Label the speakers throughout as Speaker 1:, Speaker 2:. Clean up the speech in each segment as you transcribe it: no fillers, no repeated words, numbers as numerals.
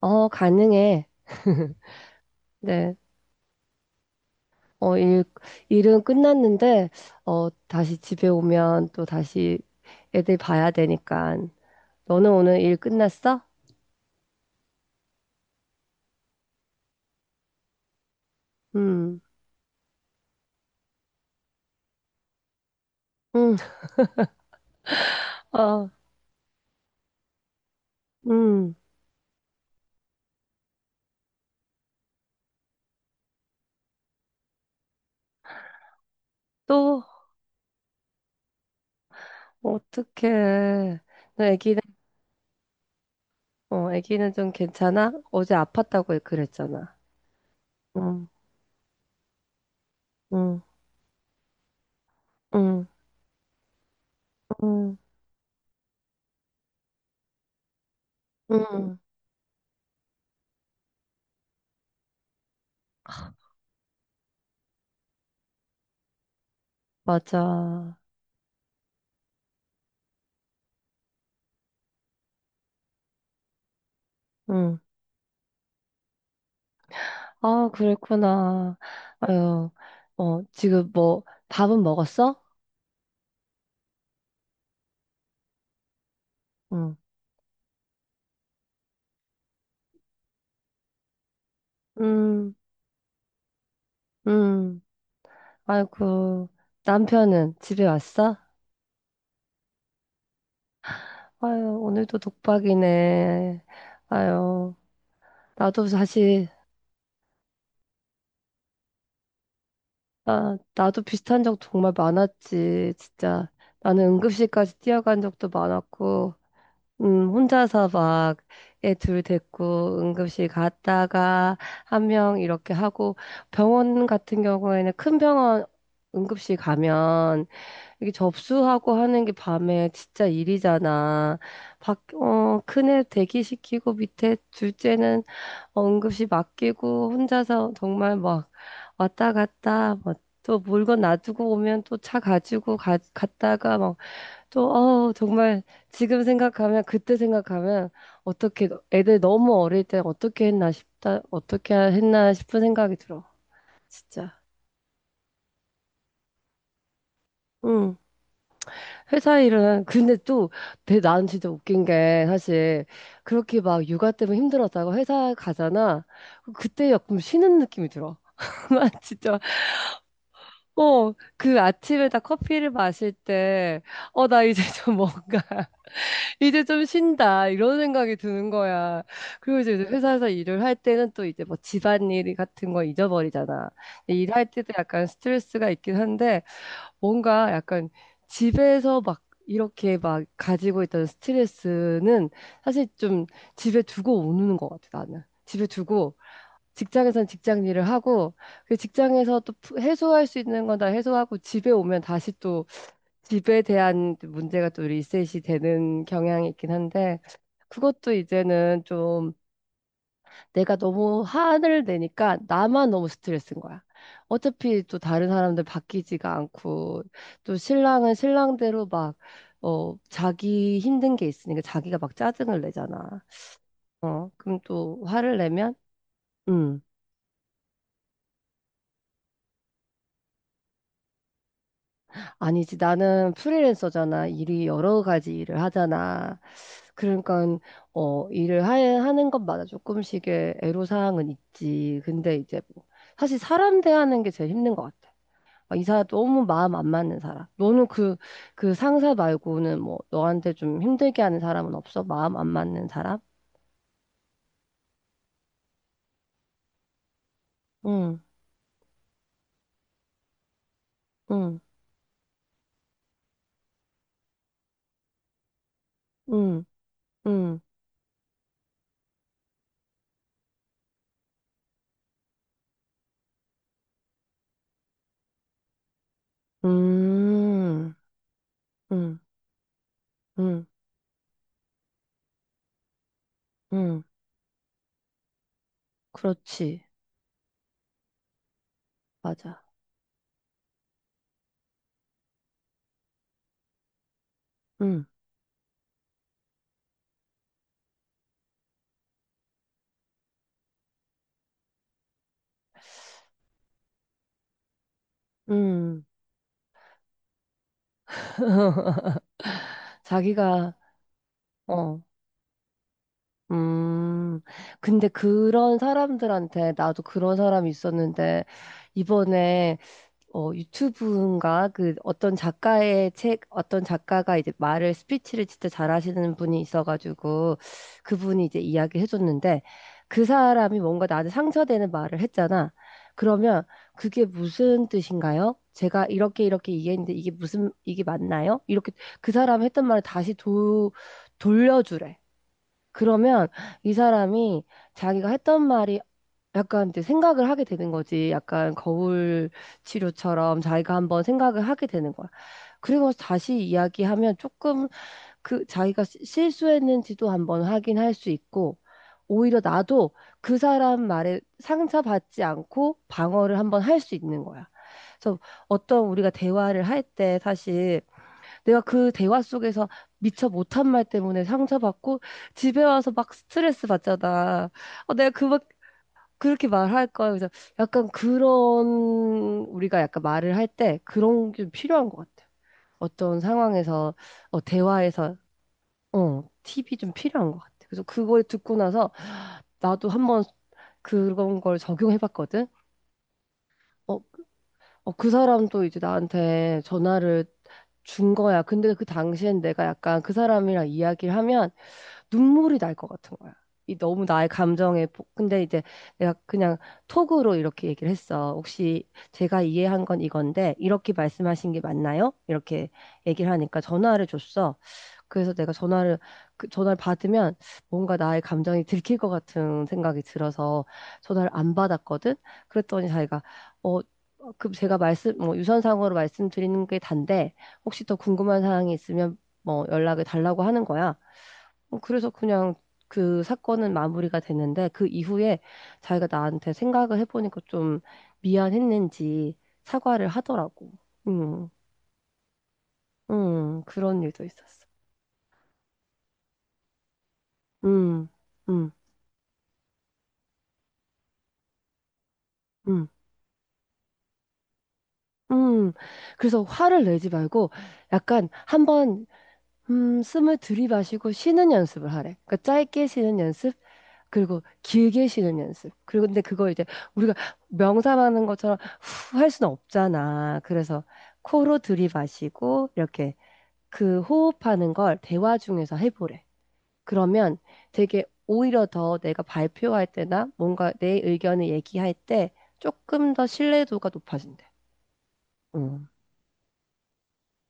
Speaker 1: 어, 가능해. 네. 어, 일은 끝났는데, 어, 다시 집에 오면 또 다시 애들 봐야 되니까. 너는 오늘 일 끝났어? 음, 음, 어, 음. 또, 어떡해. 너 애기는, 어, 애기는 좀 괜찮아? 어제 아팠다고 그랬잖아. 응, 응, 응, 응, 응. 맞아. 응. 아, 그랬구나. 아유, 어, 지금 뭐, 밥은 먹었어? 응. 음, 음. 아이고, 남편은 집에 왔어? 아유, 오늘도 독박이네. 아유, 나도 사실, 아, 나도 비슷한 적 정말 많았지, 진짜. 나는 응급실까지 뛰어간 적도 많았고, 혼자서 막, 애 둘 데리고 응급실 갔다가, 한 명 이렇게 하고, 병원 같은 경우에는 큰 병원 응급실 가면, 이게 접수하고 하는 게 밤에 진짜 일이잖아. 어, 큰애 대기시키고 밑에 둘째는 응급실 맡기고 혼자서 정말 막 왔다 갔다 막 또 물건 놔두고 오면 또 차 가지고 갔다가 막 또, 어, 정말 지금 생각하면 그때 생각하면 어떻게 애들 너무 어릴 때 어떻게 했나 싶다, 어떻게 했나 싶은 생각이 들어. 진짜. 응. 회사 일은 근데 또 난 진짜 웃긴 게 사실 그렇게 막 육아 때문에 힘들었다고 회사 가잖아. 그때 약간 쉬는 느낌이 들어. 난 진짜 어 그 아침에 딱 커피를 마실 때 어 나 이제 좀 뭔가 이제 좀 쉰다 이런 생각이 드는 거야. 그리고 이제 회사에서 일을 할 때는 또 이제 뭐 집안일 같은 거 잊어버리잖아. 근데 일할 때도 약간 스트레스가 있긴 한데 뭔가 약간 집에서 막 이렇게 막 가지고 있던 스트레스는 사실 좀 집에 두고 오는 것 같아, 나는. 집에 두고 직장에선 직장 일을 하고 그 직장에서 또 해소할 수 있는 건 다 해소하고 집에 오면 다시 또 집에 대한 문제가 또 리셋이 되는 경향이 있긴 한데 그것도 이제는 좀 내가 너무 화를 내니까 나만 너무 스트레스인 거야. 어차피 또 다른 사람들 바뀌지가 않고, 또 신랑은 신랑대로 막, 어, 자기 힘든 게 있으니까 자기가 막 짜증을 내잖아. 어, 그럼 또 화를 내면, 음, 아니지. 나는 프리랜서잖아. 일이 여러 가지 일을 하잖아. 그러니까, 어, 일을 하는 것마다 조금씩의 애로사항은 있지. 근데 이제 뭐, 사실 사람 대하는 게 제일 힘든 것 같아. 아, 이 사람 너무 마음 안 맞는 사람. 너는 그 상사 말고는 뭐, 너한테 좀 힘들게 하는 사람은 없어? 마음 안 맞는 사람? 응, 응, 응, 응, 음, 응, 응, 응. 그렇지. 맞아. 응, 응. 자기가, 어, 음. 근데 그런 사람들한테, 나도 그런 사람이 있었는데, 이번에 어, 유튜브인가? 그 어떤 작가의 책, 어떤 작가가 이제 말을, 스피치를 진짜 잘하시는 분이 있어가지고 그분이 이제 이야기 해줬는데 그 사람이 뭔가 나한테 상처되는 말을 했잖아. 그러면 그게 무슨 뜻인가요? 제가 이렇게 이렇게 이해했는데 이게 무슨, 이게 맞나요? 이렇게 그 사람이 했던 말을 다시 돌려주래. 그러면 이 사람이 자기가 했던 말이 약간 이제 생각을 하게 되는 거지. 약간 거울 치료처럼 자기가 한번 생각을 하게 되는 거야. 그리고 다시 이야기하면 조금 그 자기가 실수했는지도 한번 확인할 수 있고, 오히려 나도 그 사람 말에 상처받지 않고 방어를 한번 할 수 있는 거야. 그래서 어떤 우리가 대화를 할 때 사실 내가 그 대화 속에서 미처 못한 말 때문에 상처받고 집에 와서 막 스트레스 받잖아. 어, 내가 그렇게 말할 거야. 그래서 약간 그런 우리가 약간 말을 할 때 그런 게 좀 필요한 것 같아요. 어떤 상황에서 어, 대화에서 어, 팁이 좀 필요한 것 같아요. 그래서 그걸 듣고 나서 나도 한번 그런 걸 적용해 봤거든. 어, 어, 그 사람도 이제 나한테 전화를 준 거야. 근데 그 당시엔 내가 약간 그 사람이랑 이야기를 하면 눈물이 날 것 같은 거야. 이 너무 나의 감정에 근데 이제 내가 그냥 톡으로 이렇게 얘기를 했어. 혹시 제가 이해한 건 이건데 이렇게 말씀하신 게 맞나요? 이렇게 얘기를 하니까 전화를 줬어. 그래서 내가 전화를 그 전화를 받으면 뭔가 나의 감정이 들킬 것 같은 생각이 들어서 전화를 안 받았거든. 그랬더니 자기가 어 그 제가 말씀 뭐 유선상으로 말씀드리는 게 단데 혹시 더 궁금한 사항이 있으면 뭐 연락을 달라고 하는 거야. 어, 그래서 그냥 그 사건은 마무리가 됐는데 그 이후에 자기가 나한테 생각을 해보니까 좀 미안했는지 사과를 하더라고. 음, 그런 일도 있었어. 음, 음, 음, 음. 그래서 화를 내지 말고 약간 한번 숨을 들이마시고 쉬는 연습을 하래. 그러니까 짧게 쉬는 연습, 그리고 길게 쉬는 연습. 그리고 근데 그걸 이제 우리가 명상하는 것처럼 후 할 수는 없잖아. 그래서 코로 들이마시고 이렇게 그 호흡하는 걸 대화 중에서 해보래. 그러면 되게 오히려 더 내가 발표할 때나 뭔가 내 의견을 얘기할 때 조금 더 신뢰도가 높아진대. 응,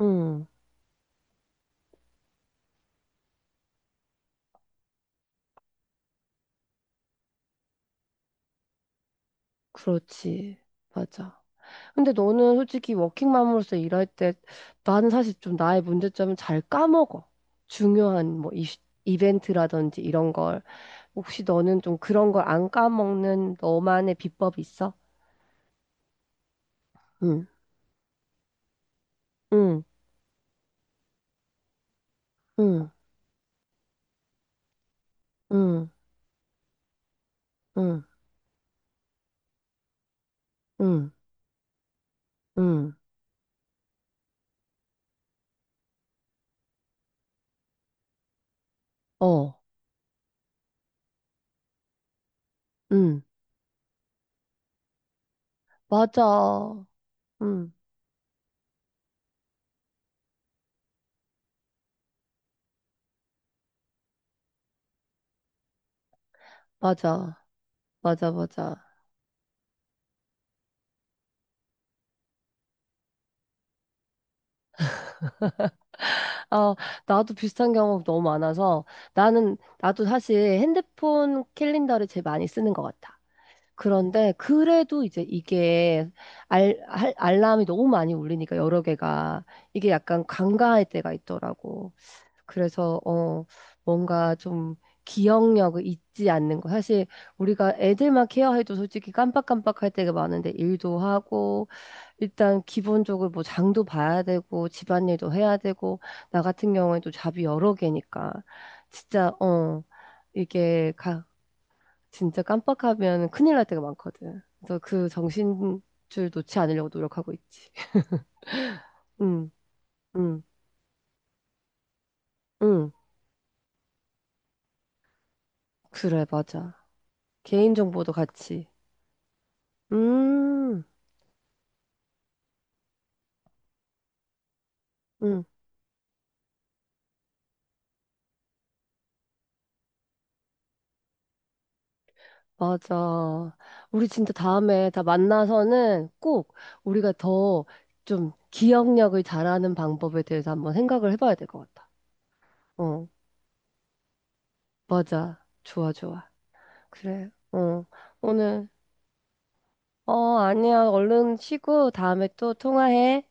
Speaker 1: 응, 그렇지. 맞아. 근데 너는 솔직히 워킹맘으로서 일할 때 나는 사실 좀 나의 문제점은 잘 까먹어. 중요한 뭐 이벤트라든지 이런 걸. 혹시 너는 좀 그런 걸 안 까먹는 너만의 비법이 있어? 응, 응, 응, 응, 응, 응, 응, 어, 응, 맞아. 응, 맞아. 맞아, 맞아. 아, 나도 비슷한 경험 너무 많아서 나도 사실 핸드폰 캘린더를 제일 많이 쓰는 것 같아. 그런데 그래도 이제 이게 알람이 너무 많이 울리니까 여러 개가 이게 약간 간과할 때가 있더라고. 그래서 어 뭔가 좀 기억력을 잊지 않는 거. 사실 우리가 애들만 케어해도 솔직히 깜빡깜빡할 때가 많은데 일도 하고 일단 기본적으로 뭐 장도 봐야 되고 집안일도 해야 되고 나 같은 경우에도 잡이 여러 개니까 진짜 어 이게 가 진짜 깜빡하면 큰일 날 때가 많거든. 그래서 그 정신줄 놓지 않으려고 노력하고 있지. 응, 응, 응. 그래, 맞아. 개인정보도 같이. 음, 응, 맞아. 우리 진짜 다음에 다 만나서는 꼭 우리가 더 좀 기억력을 잘하는 방법에 대해서 한번 생각을 해봐야 될 것 같아. 어, 맞아. 좋아, 좋아. 그래, 어. 오늘, 어, 아니야. 얼른 쉬고 다음에 또 통화해.